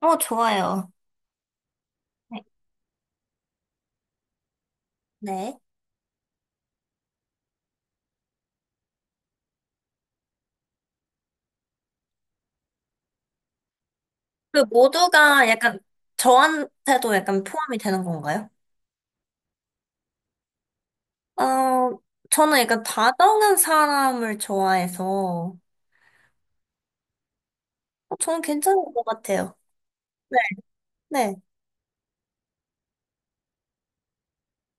어, 좋아요. 네. 네. 그 모두가 약간 저한테도 약간 포함이 되는 건가요? 어, 저는 약간 다정한 사람을 좋아해서 저는 괜찮은 것 같아요. 네. 네.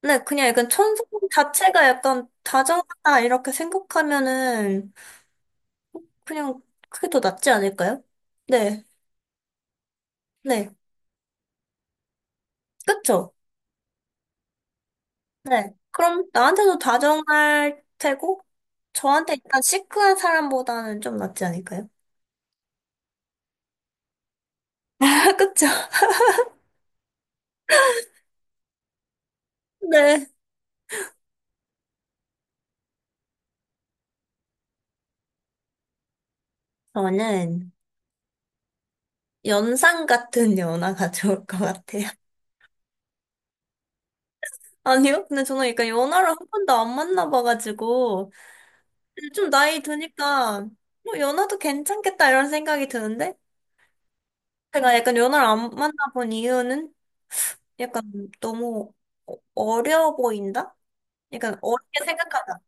네, 그냥 약간 천성 자체가 약간 다정하다 이렇게 생각하면은 그냥 그게 더 낫지 않을까요? 네. 네. 그쵸? 네. 그럼 나한테도 다정할 테고 저한테 일단 시크한 사람보다는 좀 낫지 않을까요? 그쵸? 네. 저는 연상 같은 연하가 좋을 것 같아요. 아니요? 근데 저는 약간 연하를 한 번도 안 만나봐가지고, 근데 좀 나이 드니까, 뭐 연하도 괜찮겠다 이런 생각이 드는데, 제가 약간 연하를 안 만나본 이유는 약간 너무 어려 보인다? 약간 어렵게 생각하다.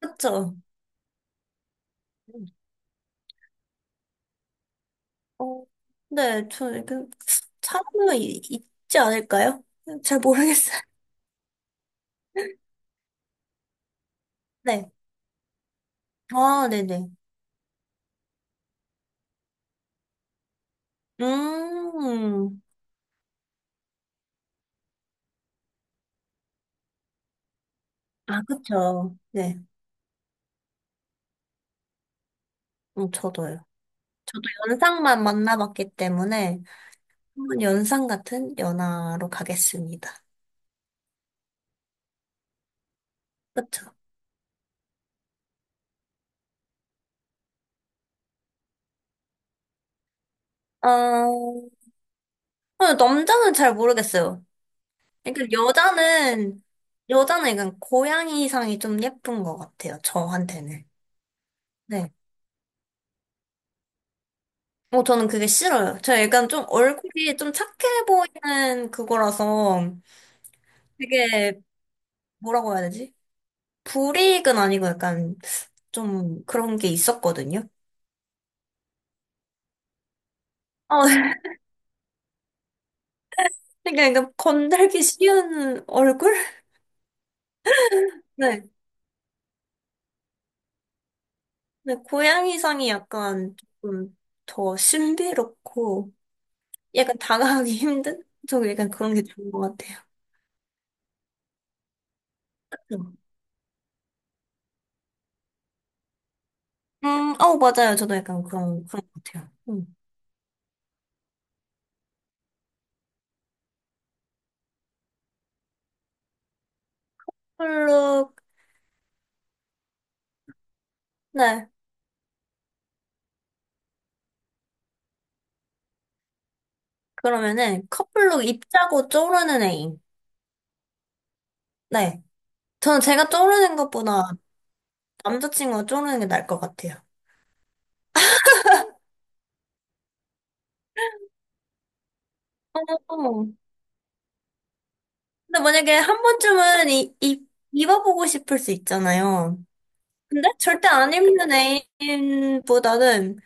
그쵸? 어, 네, 저 약간 차이가 있지 않을까요? 잘 모르겠어요. 네. 아, 네네. 음, 아, 그쵸. 네, 저도요. 저도 연상만 만나봤기 때문에 한번 연상 같은 연하로 가겠습니다. 그쵸. 어, 어, 남자는 잘 모르겠어요. 그러니까 여자는, 여자는 약간 고양이상이 좀 예쁜 것 같아요. 저한테는. 네. 어, 저는 그게 싫어요. 제가 약간 좀 얼굴이 좀 착해 보이는 그거라서 되게 뭐라고 해야 되지? 불이익은 아니고 약간 좀 그런 게 있었거든요. 어, 그러니까 건들기 쉬운 얼굴? 네. 근데 고양이상이 약간 조금 더 신비롭고 약간 다가가기 힘든? 저 약간 그런 게 좋은 것 같아요. 음, 어, 맞아요. 저도 약간 그런 것 같아요. 음. 커플룩, 네. 그러면은 커플룩 입자고 쪼르는 애인. 네. 저는 제가 쪼르는 것보다 남자친구가 쪼르는 게 나을 것 같아요. 어, 근데 만약에 한 번쯤은 입어보고 싶을 수 있잖아요. 근데 절대 안 입는 애인보다는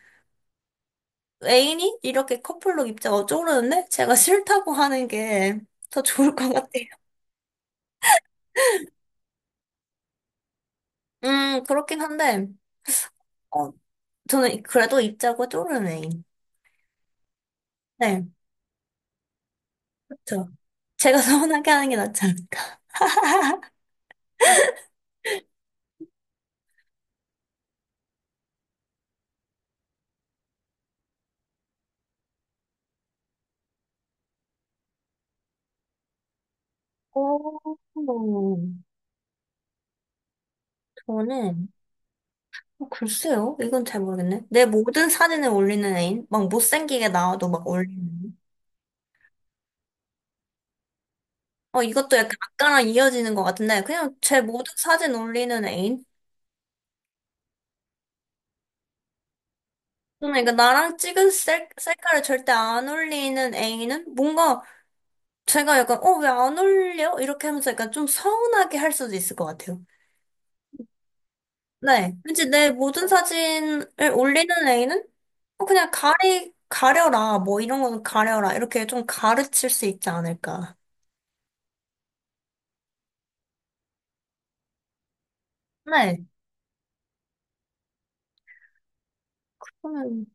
애인이 이렇게 커플룩 입자 어쩌려는데 제가 싫다고 하는 게 더 좋을 것 같아요. 그렇긴 한데, 어, 저는 그래도 입자고 쪼르는 애인. 네, 그렇죠. 제가 서운하게 하는 게 낫지 않을까. 오, 저는, 어, 글쎄요. 이건 잘 모르겠네. 내 모든 사진을 올리는 애인? 막 못생기게 나와도 막 올리는. 어, 이것도 약간 아까랑 이어지는 것 같은데, 그냥 제 모든 사진 올리는 애인? 저는 그러니까 나랑 찍은 셀카를 절대 안 올리는 애인은 뭔가 제가 약간, 어, 왜 안 올려? 이렇게 하면서 약간 좀 서운하게 할 수도 있을 것 같아요. 네. 왠지 내 모든 사진을 올리는 애인은 어, 그냥 가려라. 뭐 이런 거는 가려라. 이렇게 좀 가르칠 수 있지 않을까. 네. 그러면,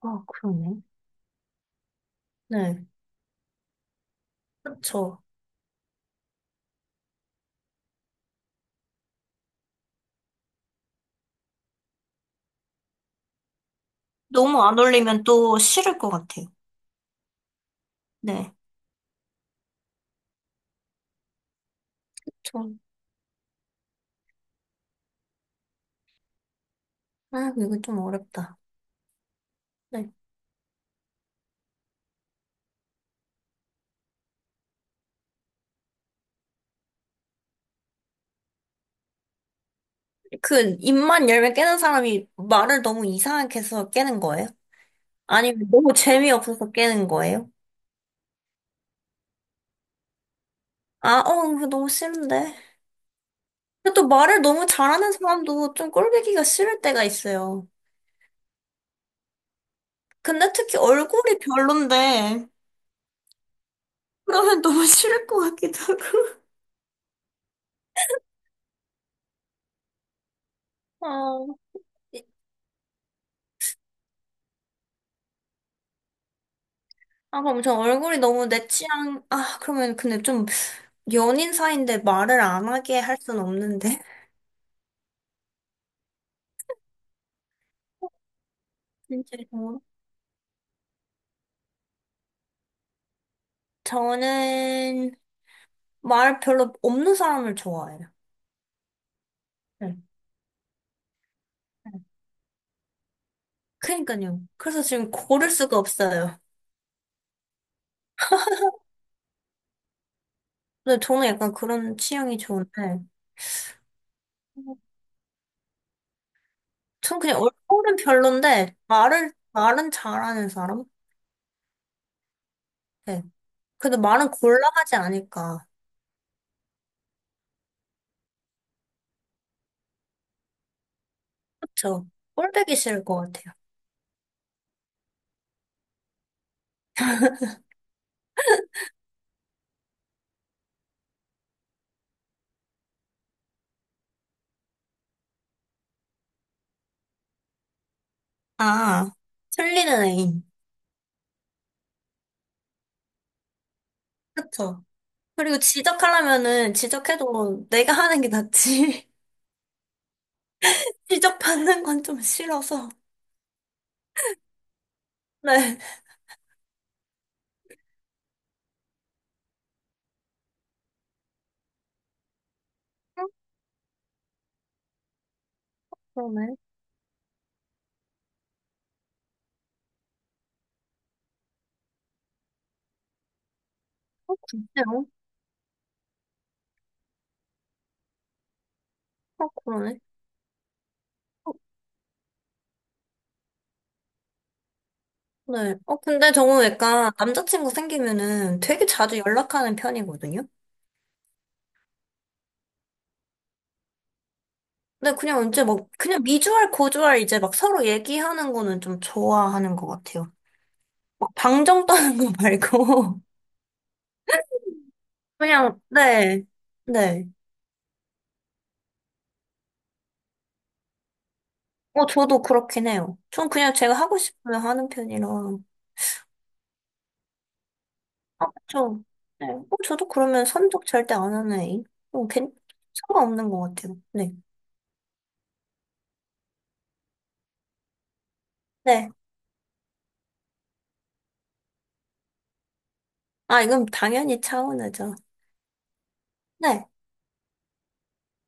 아, 그러네. 네. 그렇죠. 너무 안 올리면 또 싫을 것 같아요. 네. 좀, 아, 이거 좀 어렵다. 네. 그, 입만 열면 깨는 사람이 말을 너무 이상하게 해서 깨는 거예요? 아니면 너무 재미없어서 깨는 거예요? 아, 어, 이거 너무 싫은데. 근데 또 말을 너무 잘하는 사람도 좀 꼴보기가 싫을 때가 있어요. 근데 특히 얼굴이 별론데, 그러면 너무 싫을 것 같기도 하고. 어, 아, 그럼 저 얼굴이 너무 내 취향, 아, 그러면 근데 좀 연인 사이인데 말을 안 하게 할 순 없는데. 진짜 저는 말 별로 없는 사람을 좋아해요. 네. 그러니까요. 그래서 지금 고를 수가 없어요. 근데 저는 약간 그런 취향이 좋은데, 전 그냥 얼굴은 별론데, 말은 잘하는 사람? 네. 근데 말은 곤란하지 않을까. 그쵸? 꼴보기 싫을 것 같아요. 아, 틀리는 애인. 그쵸? 그리고 지적하려면은 지적해도 내가 하는 게 낫지. 지적받는 건 좀 싫어서. 네. 그러네. 어, 글쎄요. 어, 그러네. 어, 네. 어, 근데 저는 약간 남자친구 생기면은 되게 자주 연락하는 편이거든요. 근데 그냥 이제 막, 그냥 미주알, 고주알 이제 막 서로 얘기하는 거는 좀 좋아하는 것 같아요. 막 방정 떠는 거 말고. 그냥, 네. 네. 어, 저도 그렇긴 해요. 전 그냥 제가 하고 싶으면 하는 편이라. 아, 그쵸. 네. 어, 저도 그러면 선적 절대 안 하는 애인. 어, 괜, 상관없는 것 같아요. 네. 네. 아, 이건 당연히 차은우죠. 네.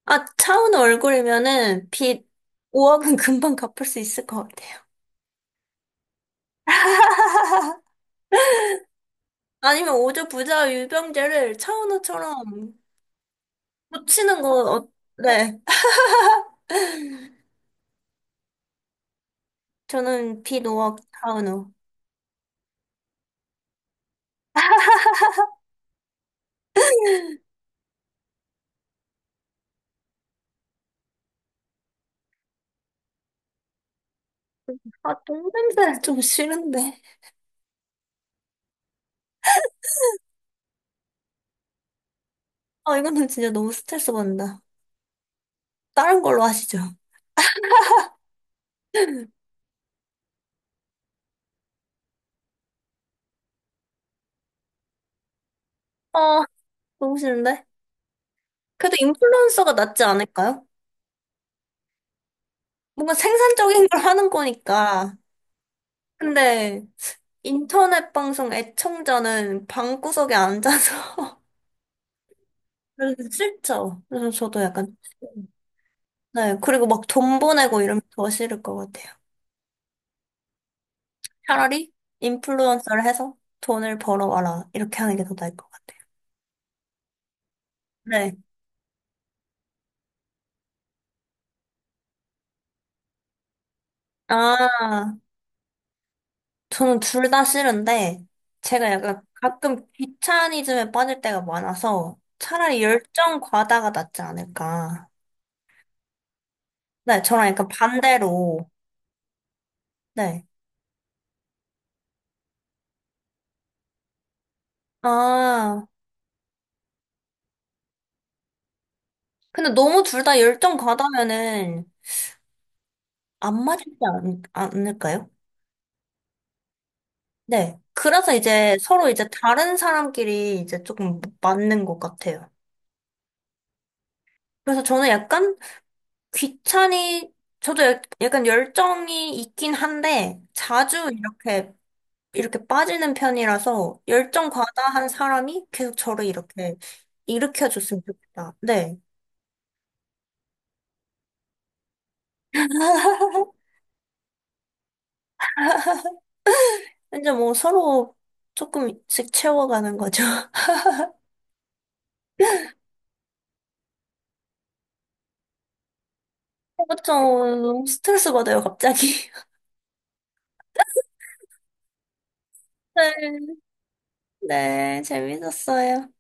아, 차은 우 얼굴이면은 빚 5억은 금방 갚을 수 있을 것 같아요. 아니면 5조 부자 유병재를 차은우처럼 고치는 거, 어, 네. 저는 빚 5억 차은우. 아, 똥냄새 좀 싫은데. 아, 이거는 진짜 너무 스트레스 받는다. 다른 걸로 하시죠. 아, 너무 싫은데? 그래도 인플루언서가 낫지 않을까요? 뭔가 생산적인 걸 하는 거니까. 근데 인터넷 방송 애청자는 방구석에 앉아서 그래서 싫죠. 그래서 저도 약간 네 그리고 막 돈 보내고 이러면 더 싫을 것 같아요. 차라리 인플루언서를 해서 돈을 벌어와라 이렇게 하는 게 더 나을 것 같아요. 네. 아 저는 둘 다 싫은데 제가 약간 가끔 귀차니즘에 빠질 때가 많아서 차라리 열정 과다가 낫지 않을까. 네 저랑 약간 반대로 네. 아 근데 너무 둘 다 열정 과다면은 안 맞지 않, 않을까요? 네. 그래서 이제 서로 이제 다른 사람끼리 이제 조금 맞는 것 같아요. 그래서 저는 약간 귀찮이, 저도 약간 열정이 있긴 한데 자주 이렇게 이렇게 빠지는 편이라서 열정 과다한 사람이 계속 저를 이렇게 일으켜줬으면 좋겠다. 네. 이제 뭐 서로 조금씩 채워가는 거죠. 그쵸. 너무 스트레스 받아요, 갑자기. 네, 네, 재밌었어요.